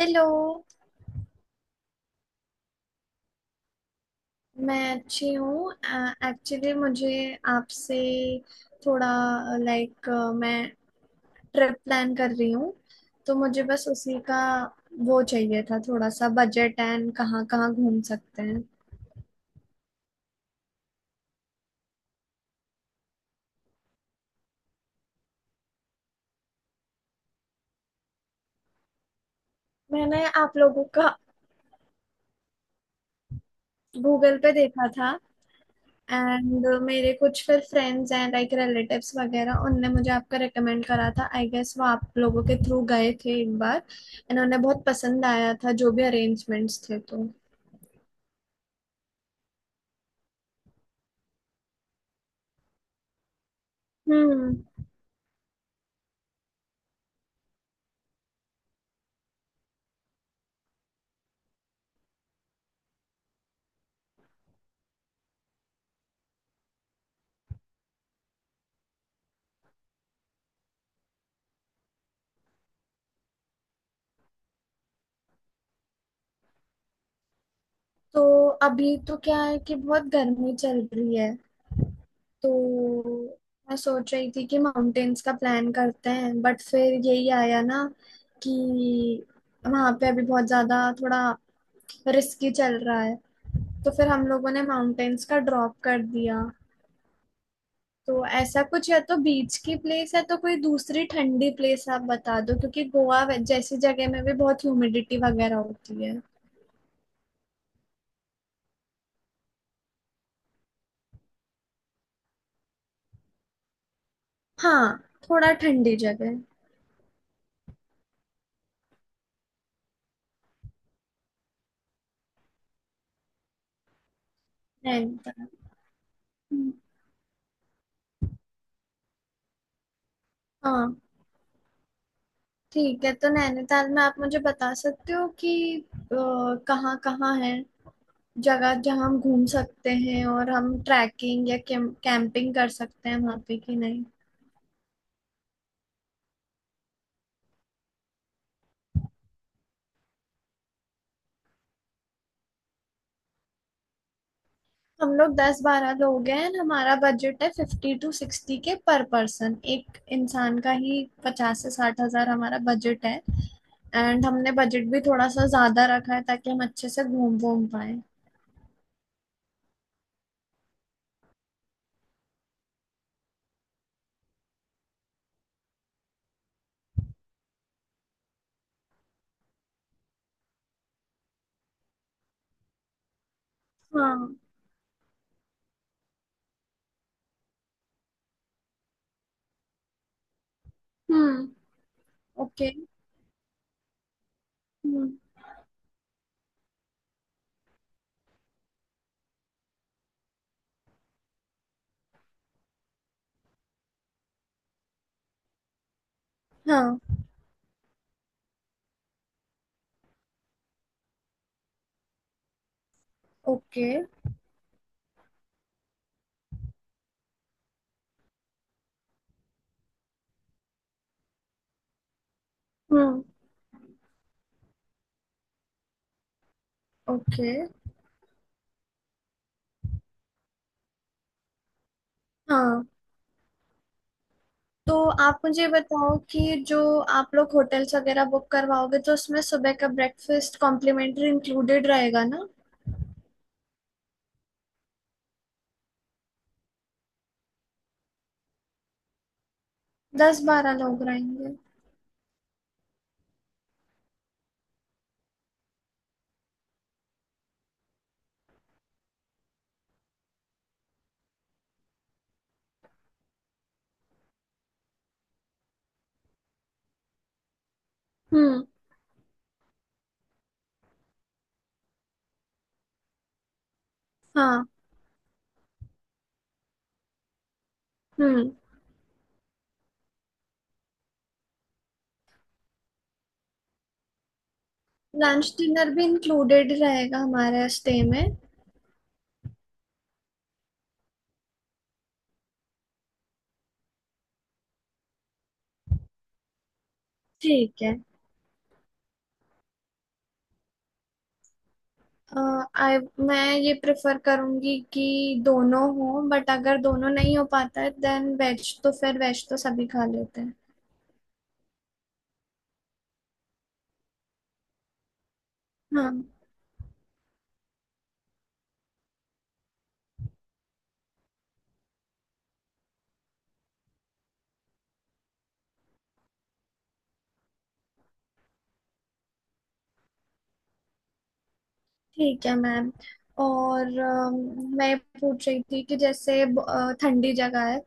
Hello. मैं अच्छी हूँ। एक्चुअली मुझे आपसे थोड़ा लाइक मैं ट्रिप प्लान कर रही हूँ। तो मुझे बस उसी का वो चाहिए था थोड़ा सा बजट एंड कहाँ कहाँ घूम सकते हैं। मैंने आप लोगों का गूगल पे देखा था। एंड मेरे कुछ फिर फ्रेंड्स एंड लाइक रिलेटिव्स वगैरह उनने मुझे आपका रिकमेंड करा था, आई गेस वो आप लोगों के थ्रू गए थे एक बार। इन्होंने बहुत पसंद आया था जो भी अरेंजमेंट्स थे तो हम्म। तो अभी तो क्या है कि बहुत गर्मी चल रही है, तो मैं सोच रही थी कि माउंटेन्स का प्लान करते हैं बट फिर यही आया ना कि वहां पे अभी बहुत ज्यादा थोड़ा रिस्की चल रहा है, तो फिर हम लोगों ने माउंटेन्स का ड्रॉप कर दिया। तो ऐसा कुछ या तो बीच की प्लेस है तो कोई दूसरी ठंडी प्लेस आप बता दो क्योंकि गोवा जैसी जगह में भी बहुत ह्यूमिडिटी वगैरैन होती है। हाँ, थोड़ा ठंडी जगह। नैनीताल। हम्म, हाँ, ठीक है तो नैनीताल में आप मुझे बता सकते हो कि अ, कहाँ कहाँ है जगह जहाँ हम घूम सकते हैं और हम ट्रैकिंग या कैंपिंग कर सकते हैं वहाँ पे कि नहीं। हम लोग 10-12 लोग हैं and हमारा बजट है 50 to 60 K पर पर्सन, एक इंसान का ही 50 से 60 हजार हमारा बजट है। एंड हमने बजट भी थोड़ा सा ज्यादा रखा है ताकि हम अच्छे से घूम घूम पाए। हाँ। हम्म। ओके। हम्म। हाँ। ओके। हम्म। ओके। हाँ, तो आप मुझे बताओ कि जो आप लोग होटल्स वगैरह बुक करवाओगे तो उसमें सुबह का ब्रेकफास्ट कॉम्प्लीमेंट्री इंक्लूडेड रहेगा ना। 10-12 लोग रहेंगे। हम्म। हाँ। हम्म। लंच डिनर भी इंक्लूडेड रहेगा हमारे स्टे में। ठीक है। आई मैं ये प्रेफर करूंगी कि दोनों हो बट अगर दोनों नहीं हो पाता है देन वेज, तो फिर वेज तो सभी खा लेते हैं। हाँ, ठीक है मैम। और मैं पूछ रही थी कि जैसे ठंडी जगह है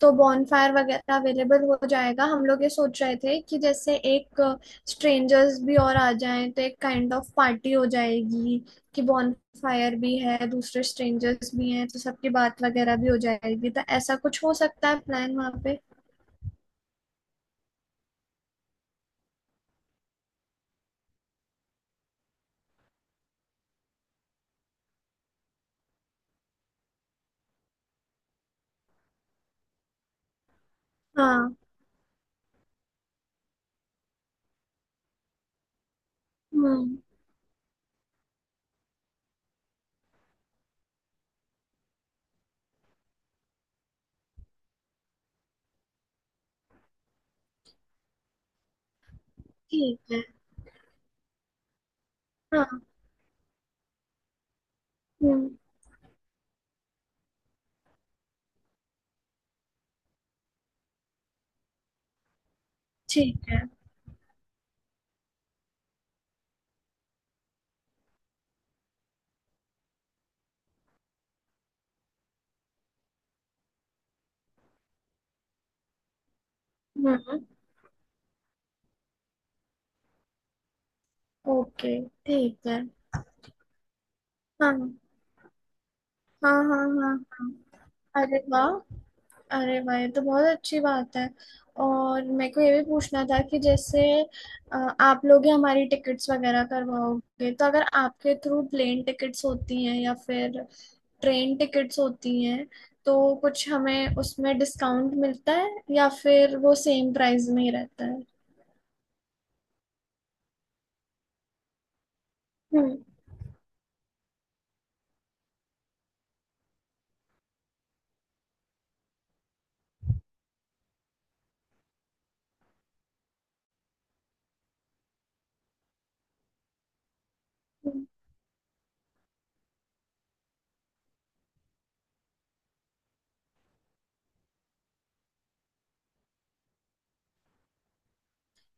तो बॉनफायर वगैरह अवेलेबल हो जाएगा। हम लोग ये सोच रहे थे कि जैसे एक स्ट्रेंजर्स भी और आ जाएं तो एक काइंड ऑफ पार्टी हो जाएगी कि बॉनफायर भी है दूसरे स्ट्रेंजर्स भी हैं तो सबकी बात वगैरह भी हो जाएगी, तो ऐसा कुछ हो सकता है प्लान वहाँ पे। हाँ। हम्म। ठीक है। हाँ। हम्म। ठीक है। हम्म। ओके। ठीक है। हाँ हाँ हाँ हाँ। हाँ। अरे वाह! अरे वाह, ये तो बहुत अच्छी बात है। और मेरे को ये भी पूछना था कि जैसे आप लोग ही हमारी टिकट्स वगैरह करवाओगे तो अगर आपके थ्रू प्लेन टिकट्स होती हैं या फिर ट्रेन टिकट्स होती हैं तो कुछ हमें उसमें डिस्काउंट मिलता है या फिर वो सेम प्राइस में ही रहता है। हम्म।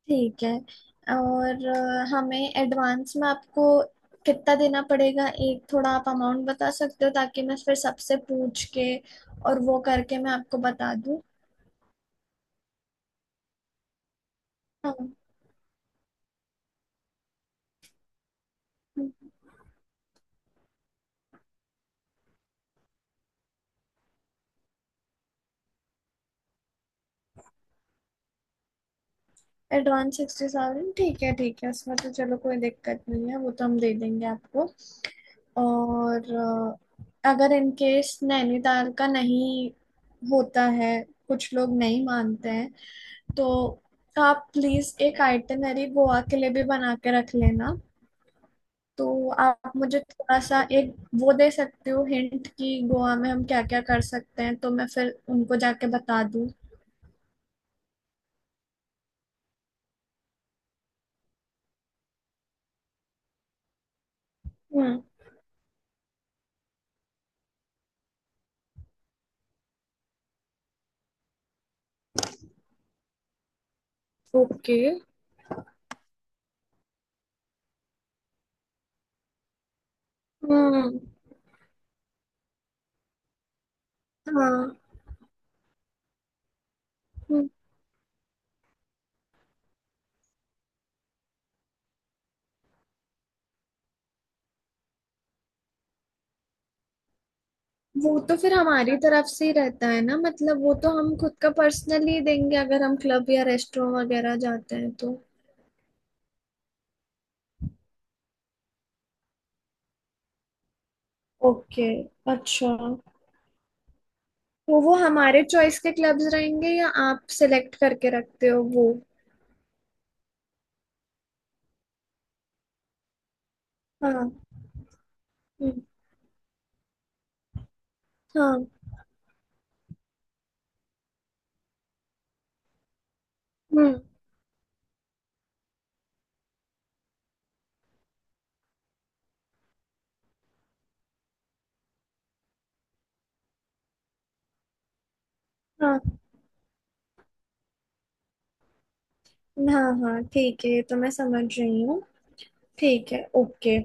ठीक है। और हमें एडवांस में आपको कितना देना पड़ेगा, एक थोड़ा आप अमाउंट बता सकते हो ताकि मैं फिर सबसे पूछ के और वो करके मैं आपको बता दूँ। हाँ। एडवांस 60,000, ठीक है, ठीक है उसमें तो चलो कोई दिक्कत नहीं है, वो तो हम दे देंगे आपको। और अगर इन केस नैनीताल का नहीं होता है, कुछ लोग नहीं मानते हैं, तो आप प्लीज एक आइटनरी गोवा के लिए भी बना के रख लेना। तो आप मुझे थोड़ा सा एक वो दे सकते हो हिंट कि गोवा में हम क्या क्या कर सकते हैं तो मैं फिर उनको जाके बता दूं। हम्म। ओके। हम्म। हाँ। हम्म। वो तो फिर हमारी तरफ से ही रहता है ना, मतलब वो तो हम खुद का पर्सनली देंगे अगर हम क्लब या रेस्टोरेंट वगैरह जाते हैं तो। ओके। अच्छा। तो वो हमारे चॉइस के क्लब्स रहेंगे या आप सिलेक्ट करके रखते हो वो? हाँ। हम्म, हाँ। हम्म। हाँ हाँ हाँ, ठीक है, ये तो मैं समझ रही हूँ। ठीक है, ओके।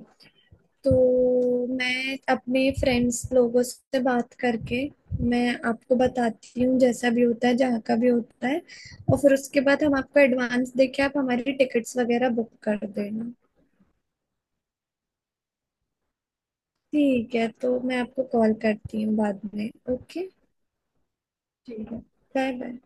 तो मैं अपने फ्रेंड्स लोगों से बात करके मैं आपको बताती हूँ जैसा भी होता है जहाँ का भी होता है। और फिर उसके बाद हम आपको एडवांस देके आप हमारी टिकट्स वगैरह बुक कर देना। ठीक है, तो मैं आपको कॉल करती हूँ बाद में। ओके। ठीक है, बाय बाय।